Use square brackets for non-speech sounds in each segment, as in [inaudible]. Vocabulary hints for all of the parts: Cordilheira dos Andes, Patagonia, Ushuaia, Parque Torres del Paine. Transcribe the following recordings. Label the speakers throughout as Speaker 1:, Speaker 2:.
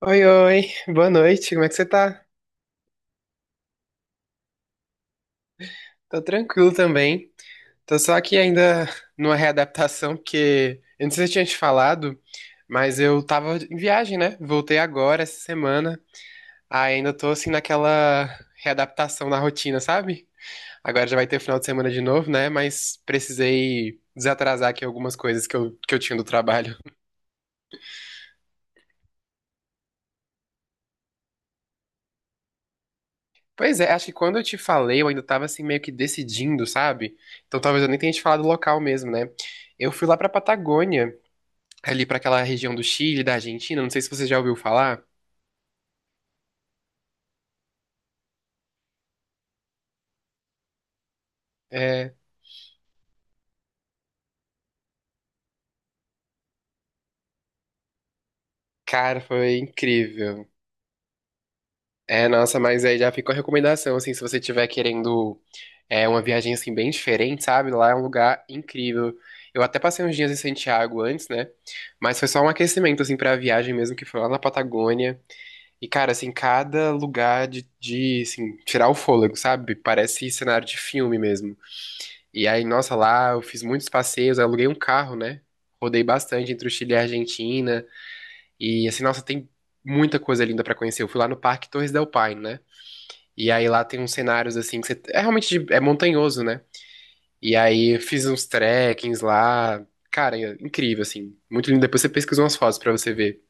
Speaker 1: Oi, oi, boa noite, como é que você tá? Tô tranquilo também. Tô só aqui ainda numa readaptação, porque eu não sei se eu tinha te falado, mas eu tava em viagem, né? Voltei agora, essa semana. Aí ainda tô assim naquela readaptação na rotina, sabe? Agora já vai ter final de semana de novo, né? Mas precisei desatrasar aqui algumas coisas que eu tinha do trabalho. Pois é, acho que quando eu te falei, eu ainda tava assim meio que decidindo, sabe? Então talvez eu nem tenha te falado o local mesmo, né? Eu fui lá pra Patagônia, ali pra aquela região do Chile, da Argentina, não sei se você já ouviu falar. É, cara, foi incrível. É, nossa, mas aí já fica a recomendação, assim, se você estiver querendo uma viagem, assim, bem diferente, sabe? Lá é um lugar incrível. Eu até passei uns dias em Santiago antes, né? Mas foi só um aquecimento, assim, pra viagem mesmo, que foi lá na Patagônia. E, cara, assim, cada lugar de assim, tirar o fôlego, sabe? Parece cenário de filme mesmo. E aí, nossa, lá eu fiz muitos passeios, eu aluguei um carro, né? Rodei bastante entre o Chile e a Argentina. E assim, nossa, tem muita coisa linda pra conhecer. Eu fui lá no Parque Torres del Paine, né? E aí lá tem uns cenários assim que você é realmente é montanhoso, né? E aí eu fiz uns trekkings lá. Cara, é incrível assim, muito lindo. Depois você pesquisa umas fotos pra você ver.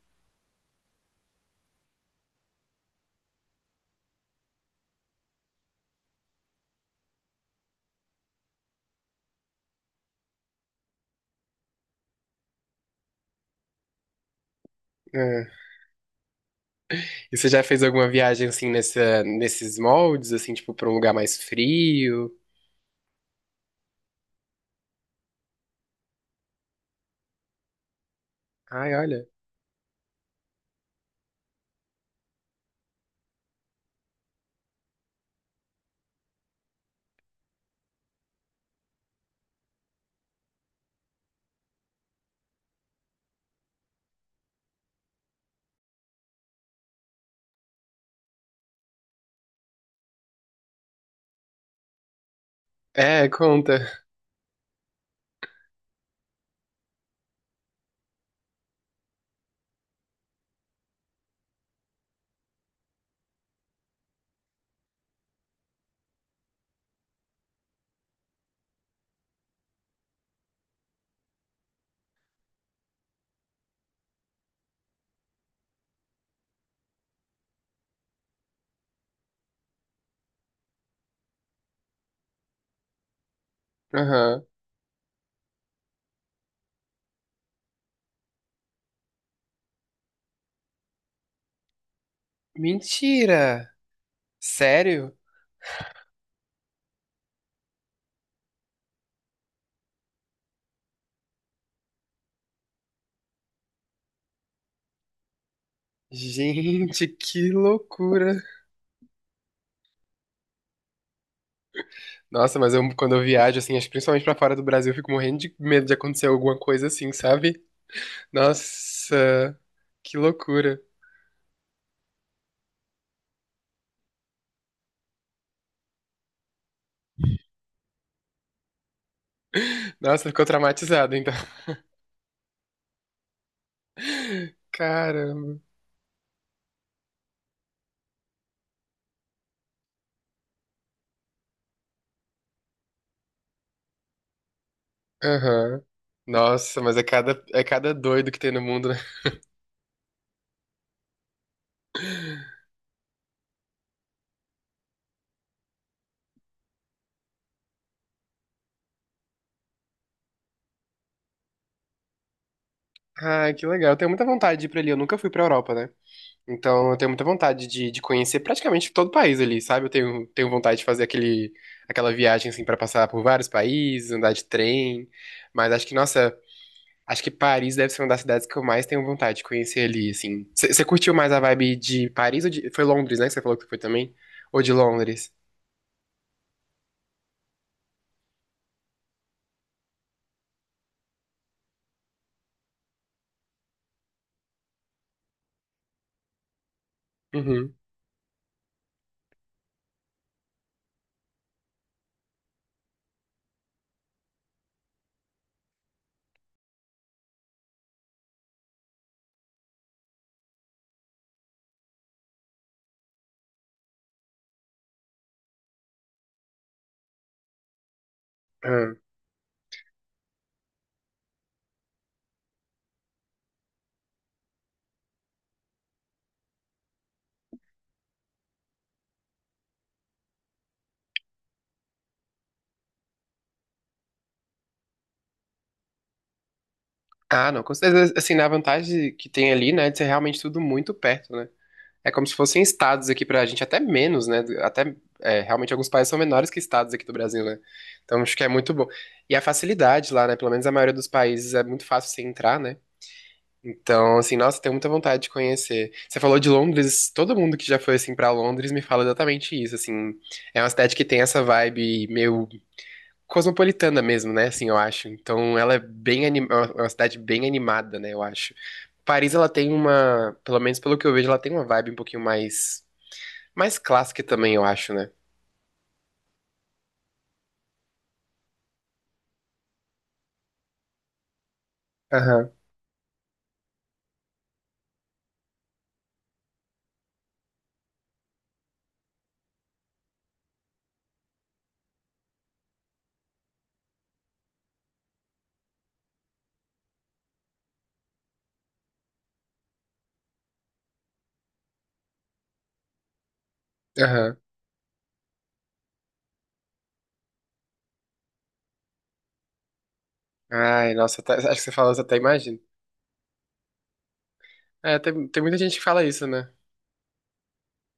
Speaker 1: É. E você já fez alguma viagem assim nesses moldes assim, tipo pra um lugar mais frio? Ai, olha. É, conta. Aham. Mentira. Sério? Gente, que loucura. Nossa, mas eu, quando eu viajo, assim, acho que principalmente pra fora do Brasil, eu fico morrendo de medo de acontecer alguma coisa assim, sabe? Nossa, que loucura. Nossa, ficou traumatizado, então. [laughs] Caramba. Aham. Nossa, mas é cada doido que tem no mundo, né? Ai, que legal. Eu tenho muita vontade de ir pra ali. Eu nunca fui pra Europa, né? Então, eu tenho muita vontade de conhecer praticamente todo o país ali, sabe? Eu tenho vontade de fazer aquela viagem, assim, pra passar por vários países, andar de trem. Mas acho que, nossa, acho que Paris deve ser uma das cidades que eu mais tenho vontade de conhecer ali, assim. Você curtiu mais a vibe de Paris ou de... Foi Londres, né? Que você falou que foi também? Ou de Londres? Uhum. Ah. Ah, não. Com certeza, assim, na vantagem que tem ali, né? De ser realmente tudo muito perto, né? É como se fossem estados aqui pra gente, até menos, né? Até, realmente alguns países são menores que estados aqui do Brasil, né? Então acho que é muito bom. E a facilidade lá, né? Pelo menos a maioria dos países é muito fácil você entrar, né? Então, assim, nossa, tenho muita vontade de conhecer. Você falou de Londres, todo mundo que já foi, assim, pra Londres me fala exatamente isso, assim. É uma cidade que tem essa vibe meio cosmopolitana mesmo, né? Assim, eu acho. Então, ela é bem anim... é uma cidade bem animada, né? Eu acho. Paris, ela tem uma, pelo menos pelo que eu vejo, ela tem uma vibe um pouquinho mais clássica também, eu acho, né? Aham, aham. Ai, nossa, acho que você falou, eu até imagino. É, tem muita gente que fala isso, né?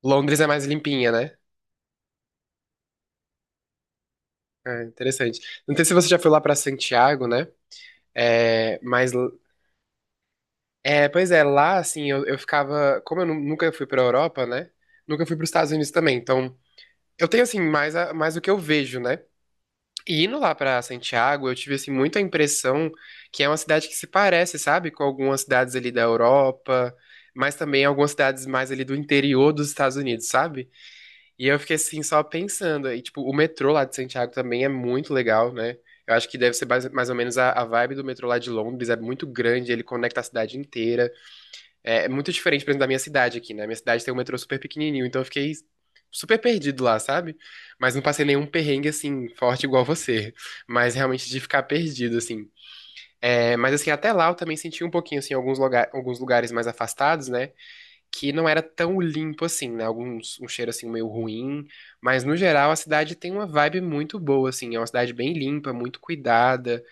Speaker 1: Londres é mais limpinha, né? É, interessante. Não sei se você já foi lá pra Santiago, né? É, mas. É, pois é, lá, assim, eu ficava. Como eu nunca fui pra Europa, né? Nunca fui pros Estados Unidos também. Então, eu tenho, assim, mais o que eu vejo, né? E indo lá pra Santiago, eu tive assim muita impressão que é uma cidade que se parece, sabe, com algumas cidades ali da Europa, mas também algumas cidades mais ali do interior dos Estados Unidos, sabe? E eu fiquei assim só pensando, e tipo, o metrô lá de Santiago também é muito legal, né? Eu acho que deve ser mais ou menos a vibe do metrô lá de Londres, é muito grande, ele conecta a cidade inteira. É muito diferente, por exemplo, da minha cidade aqui, né? Minha cidade tem um metrô super pequenininho, então eu fiquei super perdido lá, sabe? Mas não passei nenhum perrengue, assim, forte igual você. Mas realmente de ficar perdido, assim. É, mas assim, até lá eu também senti um pouquinho, assim, alguns lugares mais afastados, né? Que não era tão limpo assim, né? Alguns, um cheiro, assim, meio ruim. Mas no geral a cidade tem uma vibe muito boa, assim. É uma cidade bem limpa, muito cuidada.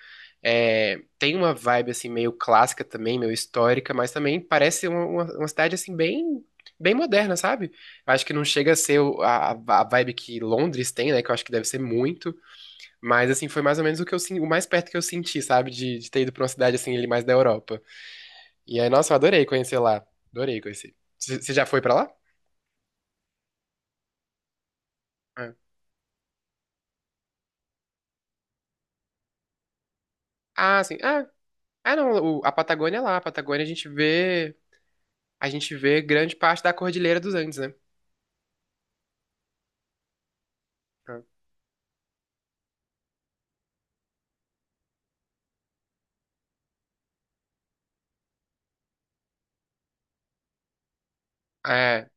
Speaker 1: É, tem uma vibe assim meio clássica também, meio histórica, mas também parece uma cidade assim bem moderna, sabe? Eu acho que não chega a ser a vibe que Londres tem, né? Que eu acho que deve ser muito, mas assim foi mais ou menos o mais perto que eu senti, sabe? De ter ido pra uma cidade assim ali mais da Europa. E aí, nossa, eu adorei conhecer lá, adorei conhecer. Você já foi pra lá? É. Ah, sim. Ah, ah não. A Patagônia é lá. A Patagônia a gente vê grande parte da Cordilheira dos Andes, né? É.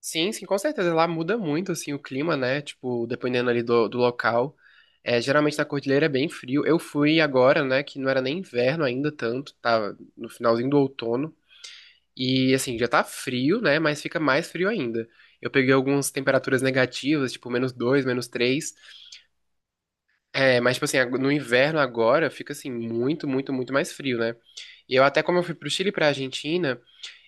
Speaker 1: Sim, sim, com certeza. Lá muda muito, assim, o clima, né? Tipo, dependendo ali do local. É, geralmente na cordilheira é bem frio. Eu fui agora, né, que não era nem inverno ainda tanto, tava no finalzinho do outono. E, assim, já tá frio, né, mas fica mais frio ainda. Eu peguei algumas temperaturas negativas, tipo, menos dois, menos três. É, mas, tipo assim, no inverno agora fica, assim, muito, muito, muito mais frio, né? E eu até, como eu fui pro Chile e pra Argentina...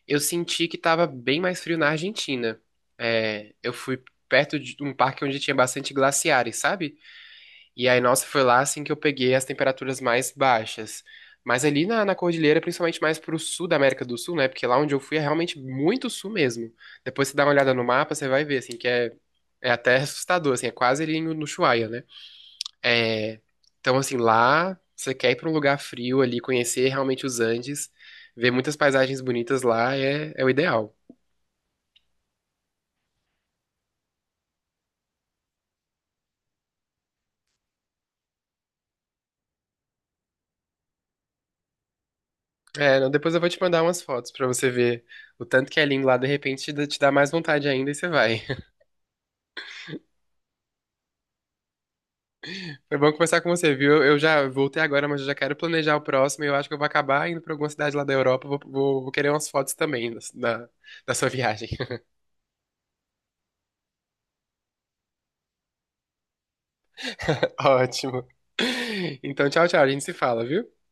Speaker 1: Eu senti que tava bem mais frio na Argentina. É, eu fui perto de um parque onde tinha bastante glaciares, sabe? E aí, nossa, foi lá assim que eu peguei as temperaturas mais baixas. Mas ali na cordilheira, principalmente mais pro sul da América do Sul, né? Porque lá onde eu fui é realmente muito sul mesmo. Depois você dá uma olhada no mapa, você vai ver, assim, que é até assustador, assim, é quase ali no Ushuaia, né? É, então, assim, lá você quer ir pra um lugar frio ali, conhecer realmente os Andes, ver muitas paisagens bonitas lá é o ideal. É, não, depois eu vou te mandar umas fotos pra você ver o tanto que é lindo lá. De repente te dá mais vontade ainda e você vai. [laughs] Foi bom conversar com você, viu? Eu já voltei agora, mas eu já quero planejar o próximo. E eu acho que eu vou acabar indo pra alguma cidade lá da Europa. Vou querer umas fotos também da sua viagem. [laughs] Ótimo. Então, tchau, tchau. A gente se fala, viu?